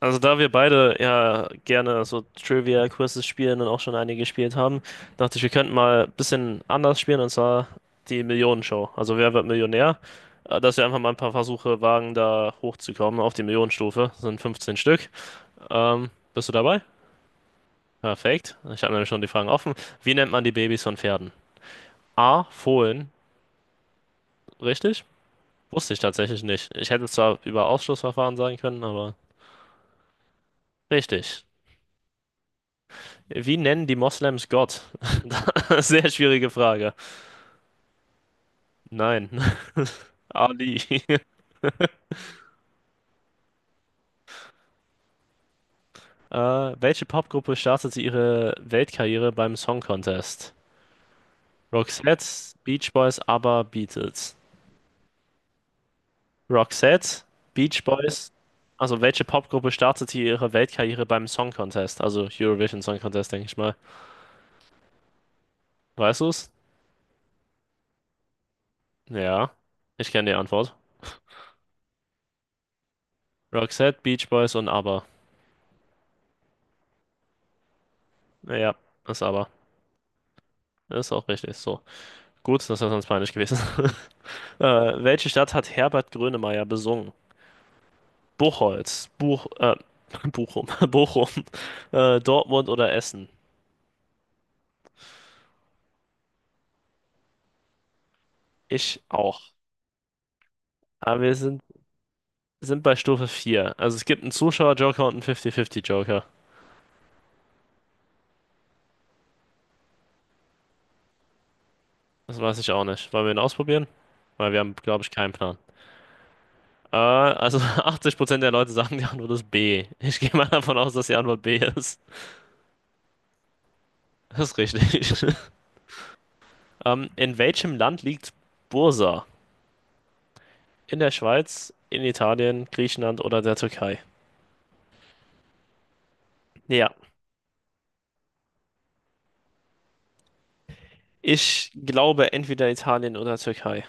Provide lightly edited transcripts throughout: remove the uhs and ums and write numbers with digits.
Also da wir beide ja gerne so Trivia-Quizzes spielen und auch schon einige gespielt haben, dachte ich, wir könnten mal ein bisschen anders spielen und zwar die Millionenshow. Also wer wird Millionär? Dass wir einfach mal ein paar Versuche wagen, da hochzukommen auf die Millionenstufe. Das sind 15 Stück. Bist du dabei? Perfekt. Ich habe nämlich schon die Fragen offen. Wie nennt man die Babys von Pferden? A. Fohlen. Richtig? Wusste ich tatsächlich nicht. Ich hätte es zwar über Ausschlussverfahren sagen können, aber richtig. Wie nennen die Moslems Gott? Sehr schwierige Frage. Nein, Ali. Äh, welche Popgruppe startete ihre Weltkarriere beim Song Contest? Roxette, Beach Boys, ABBA, Beatles. Roxette, Beach Boys. Also welche Popgruppe startete ihre Weltkarriere beim Song Contest? Also Eurovision Song Contest, denke ich mal. Weißt du es? Ja, ich kenne die Antwort. Roxette, Beach Boys und ABBA. Ja, ist ABBA. Ist auch richtig. So. Gut, das wäre sonst peinlich gewesen. Welche Stadt hat Herbert Grönemeyer besungen? Buchholz, Bochum, Bochum, Dortmund oder Essen? Ich auch. Aber wir sind bei Stufe 4. Also es gibt einen Zuschauer-Joker und einen 50-50-Joker. Das weiß ich auch nicht. Wollen wir ihn ausprobieren? Weil wir haben, glaube ich, keinen Plan. Also 80% der Leute sagen, die Antwort ist B. Ich gehe mal davon aus, dass die Antwort B ist. Das ist richtig. In welchem Land liegt Bursa? In der Schweiz, in Italien, Griechenland oder der Türkei? Ja, ich glaube entweder Italien oder Türkei.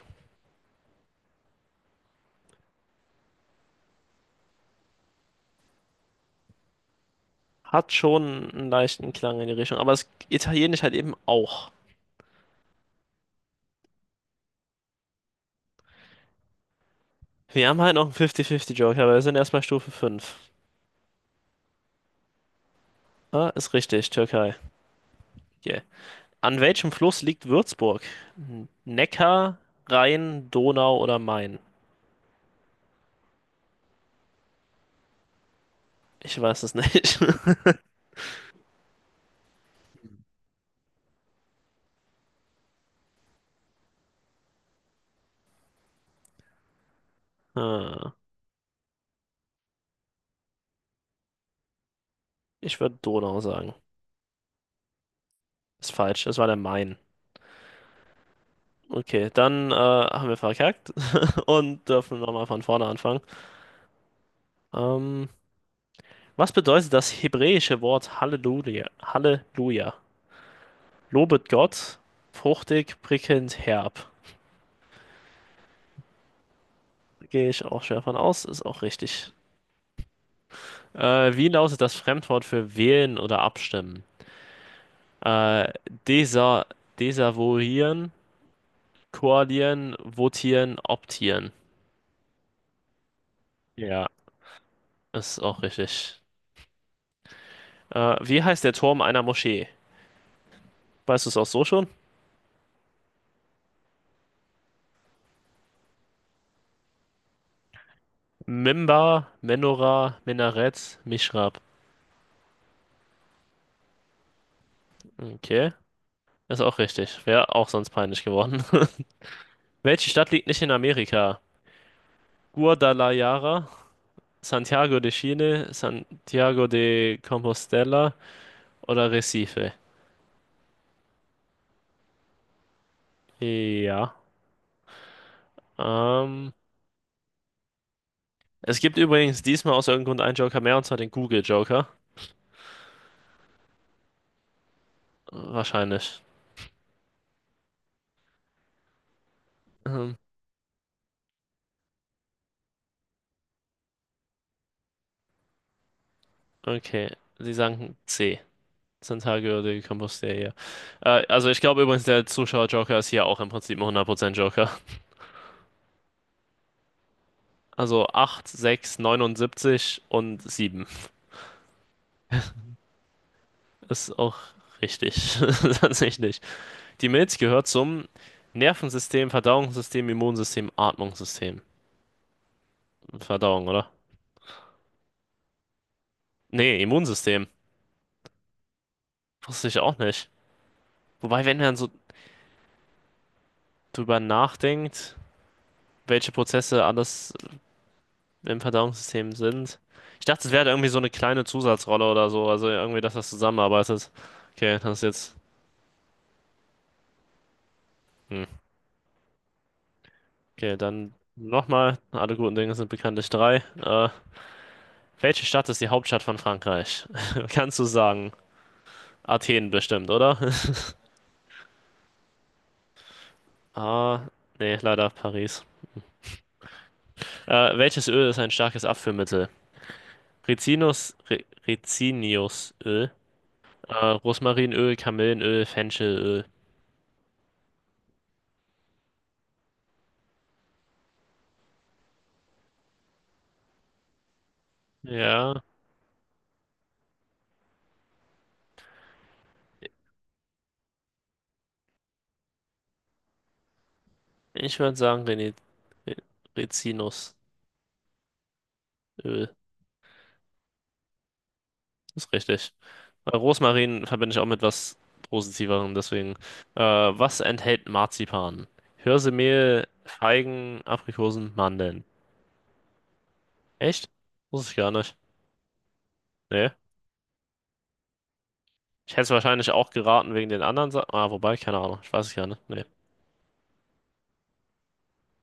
Hat schon einen leichten Klang in die Richtung, aber das Italienisch halt eben auch. Wir haben halt noch einen 50-50-Joker, aber wir sind erstmal Stufe 5. Ah, ist richtig, Türkei. Yeah. An welchem Fluss liegt Würzburg? Neckar, Rhein, Donau oder Main? Ich weiß es nicht. Ah, ich würde Donau sagen. Ist falsch, es war der Main. Okay, dann haben wir verkackt und dürfen nochmal von vorne anfangen. Ähm, was bedeutet das hebräische Wort Halleluja? Halleluja. Lobet Gott, fruchtig, prickelnd, herb. Gehe ich auch schwer von aus, ist auch richtig. Wie lautet das Fremdwort für wählen oder abstimmen? Äh, desa desavouieren, koalieren, votieren, optieren. Ja, ist auch richtig. Wie heißt der Turm einer Moschee? Weißt du es auch so schon? Mimbar, Menorah, Minarett, Mihrab. Okay, ist auch richtig. Wäre auch sonst peinlich geworden. Welche Stadt liegt nicht in Amerika? Guadalajara, Santiago de Chile, Santiago de Compostela oder Recife? Ja. Ähm, es gibt übrigens diesmal aus irgendeinem Grund einen Joker mehr, und zwar den Google Joker. Wahrscheinlich. Ähm, okay, Sie sagen C. Santiago de Compostela. Also ich glaube übrigens, der Zuschauer Joker ist hier auch im Prinzip ein 100% Joker. Also 8, 6, 79 und 7 ist auch richtig. Tatsächlich. Die Milz gehört zum Nervensystem, Verdauungssystem, Immunsystem, Atmungssystem. Verdauung, oder? Nee, Immunsystem. Wusste ich auch nicht. Wobei, wenn man so drüber nachdenkt, welche Prozesse alles im Verdauungssystem sind. Ich dachte, es wäre halt irgendwie so eine kleine Zusatzrolle oder so. Also irgendwie, dass das zusammenarbeitet. Okay, das ist jetzt. Hm. Okay, dann nochmal. Alle guten Dinge sind bekanntlich drei. Welche Stadt ist die Hauptstadt von Frankreich? Kannst du sagen? Athen bestimmt, oder? Ah, nee, leider Paris. Welches Öl ist ein starkes Abführmittel? Rizinus, Rizinusöl, Rosmarinöl, Kamillenöl, Fenchelöl. Ja, ich würde sagen Ri- Rizinusöl. Ist richtig. Rosmarin verbinde ich auch mit was Positiverem, deswegen. Was enthält Marzipan? Hirsemehl, Feigen, Aprikosen, Mandeln. Echt? Wusste ich gar nicht. Nee. Ich hätte es wahrscheinlich auch geraten wegen den anderen Sachen. Ah, wobei, keine Ahnung. Ich weiß es gar nicht. Nee.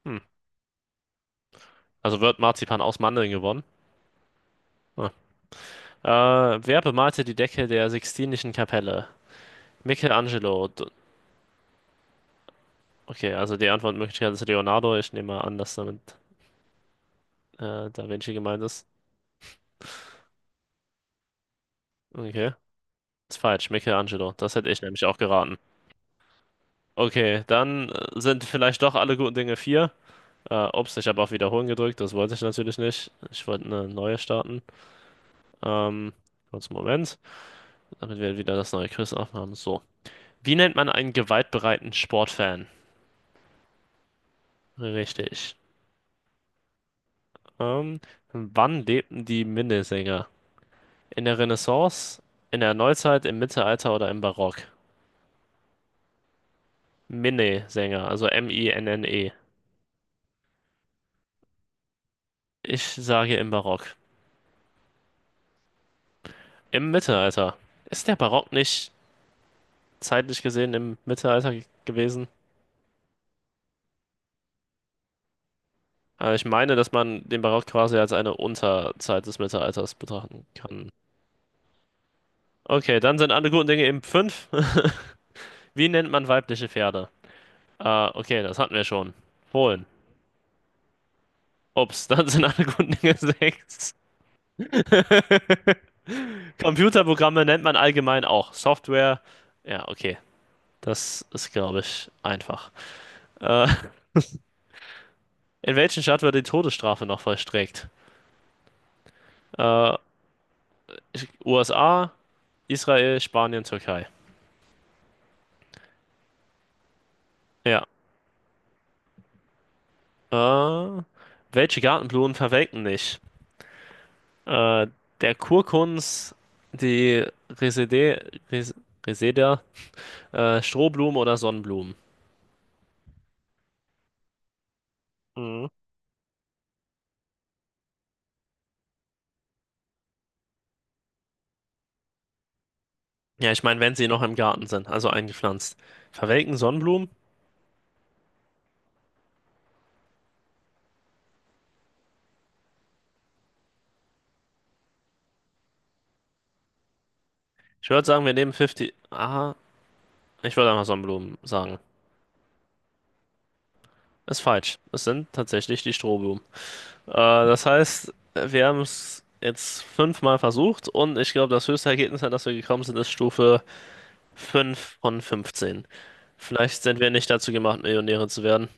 Hm. Also wird Marzipan aus Mandeln gewonnen. Ah. Wer bemalte die Decke der Sixtinischen Kapelle? Michelangelo. Okay, also die Antwortmöglichkeit ist Leonardo. Ich nehme mal an, dass damit Da Vinci gemeint ist. Okay. Ist falsch. Michelangelo. Das hätte ich nämlich auch geraten. Okay, dann sind vielleicht doch alle guten Dinge vier. Ups, ich habe auf Wiederholen gedrückt. Das wollte ich natürlich nicht. Ich wollte eine neue starten. Ähm, kurz einen Moment, damit wir wieder das neue Quiz aufhaben. So. Wie nennt man einen gewaltbereiten Sportfan? Richtig. Ähm, wann lebten die Minnesänger? In der Renaissance, in der Neuzeit, im Mittelalter oder im Barock? Minnesänger, also M-I-N-N-E. Ich sage im Barock. Im Mittelalter. Ist der Barock nicht zeitlich gesehen im Mittelalter gewesen? Also ich meine, dass man den Barock quasi als eine Unterzeit des Mittelalters betrachten kann. Okay, dann sind alle guten Dinge eben fünf. Wie nennt man weibliche Pferde? Ah, okay, das hatten wir schon. Fohlen. Ups, dann sind alle guten Dinge sechs. Computerprogramme nennt man allgemein auch Software. Ja, okay. Das ist, glaube ich, einfach. Äh, in welchen Staat wird die Todesstrafe noch vollstreckt? Äh, USA, Israel, Spanien, Türkei. Ja. Äh, welche Gartenblumen verwelken nicht? Äh, der Kurkunz, die Resede, Res, Reseda, Strohblumen oder Sonnenblumen. Mhm. Ja, ich meine, wenn sie noch im Garten sind, also eingepflanzt. Verwelken Sonnenblumen? Ich würde sagen, wir nehmen 50. Aha, ich würde einfach Sonnenblumen sagen. Ist falsch. Es sind tatsächlich die Strohblumen. Äh, das heißt, wir haben es jetzt fünfmal versucht und ich glaube, das höchste Ergebnis, an das wir gekommen sind, ist Stufe 5 von 15. Vielleicht sind wir nicht dazu gemacht, Millionäre zu werden.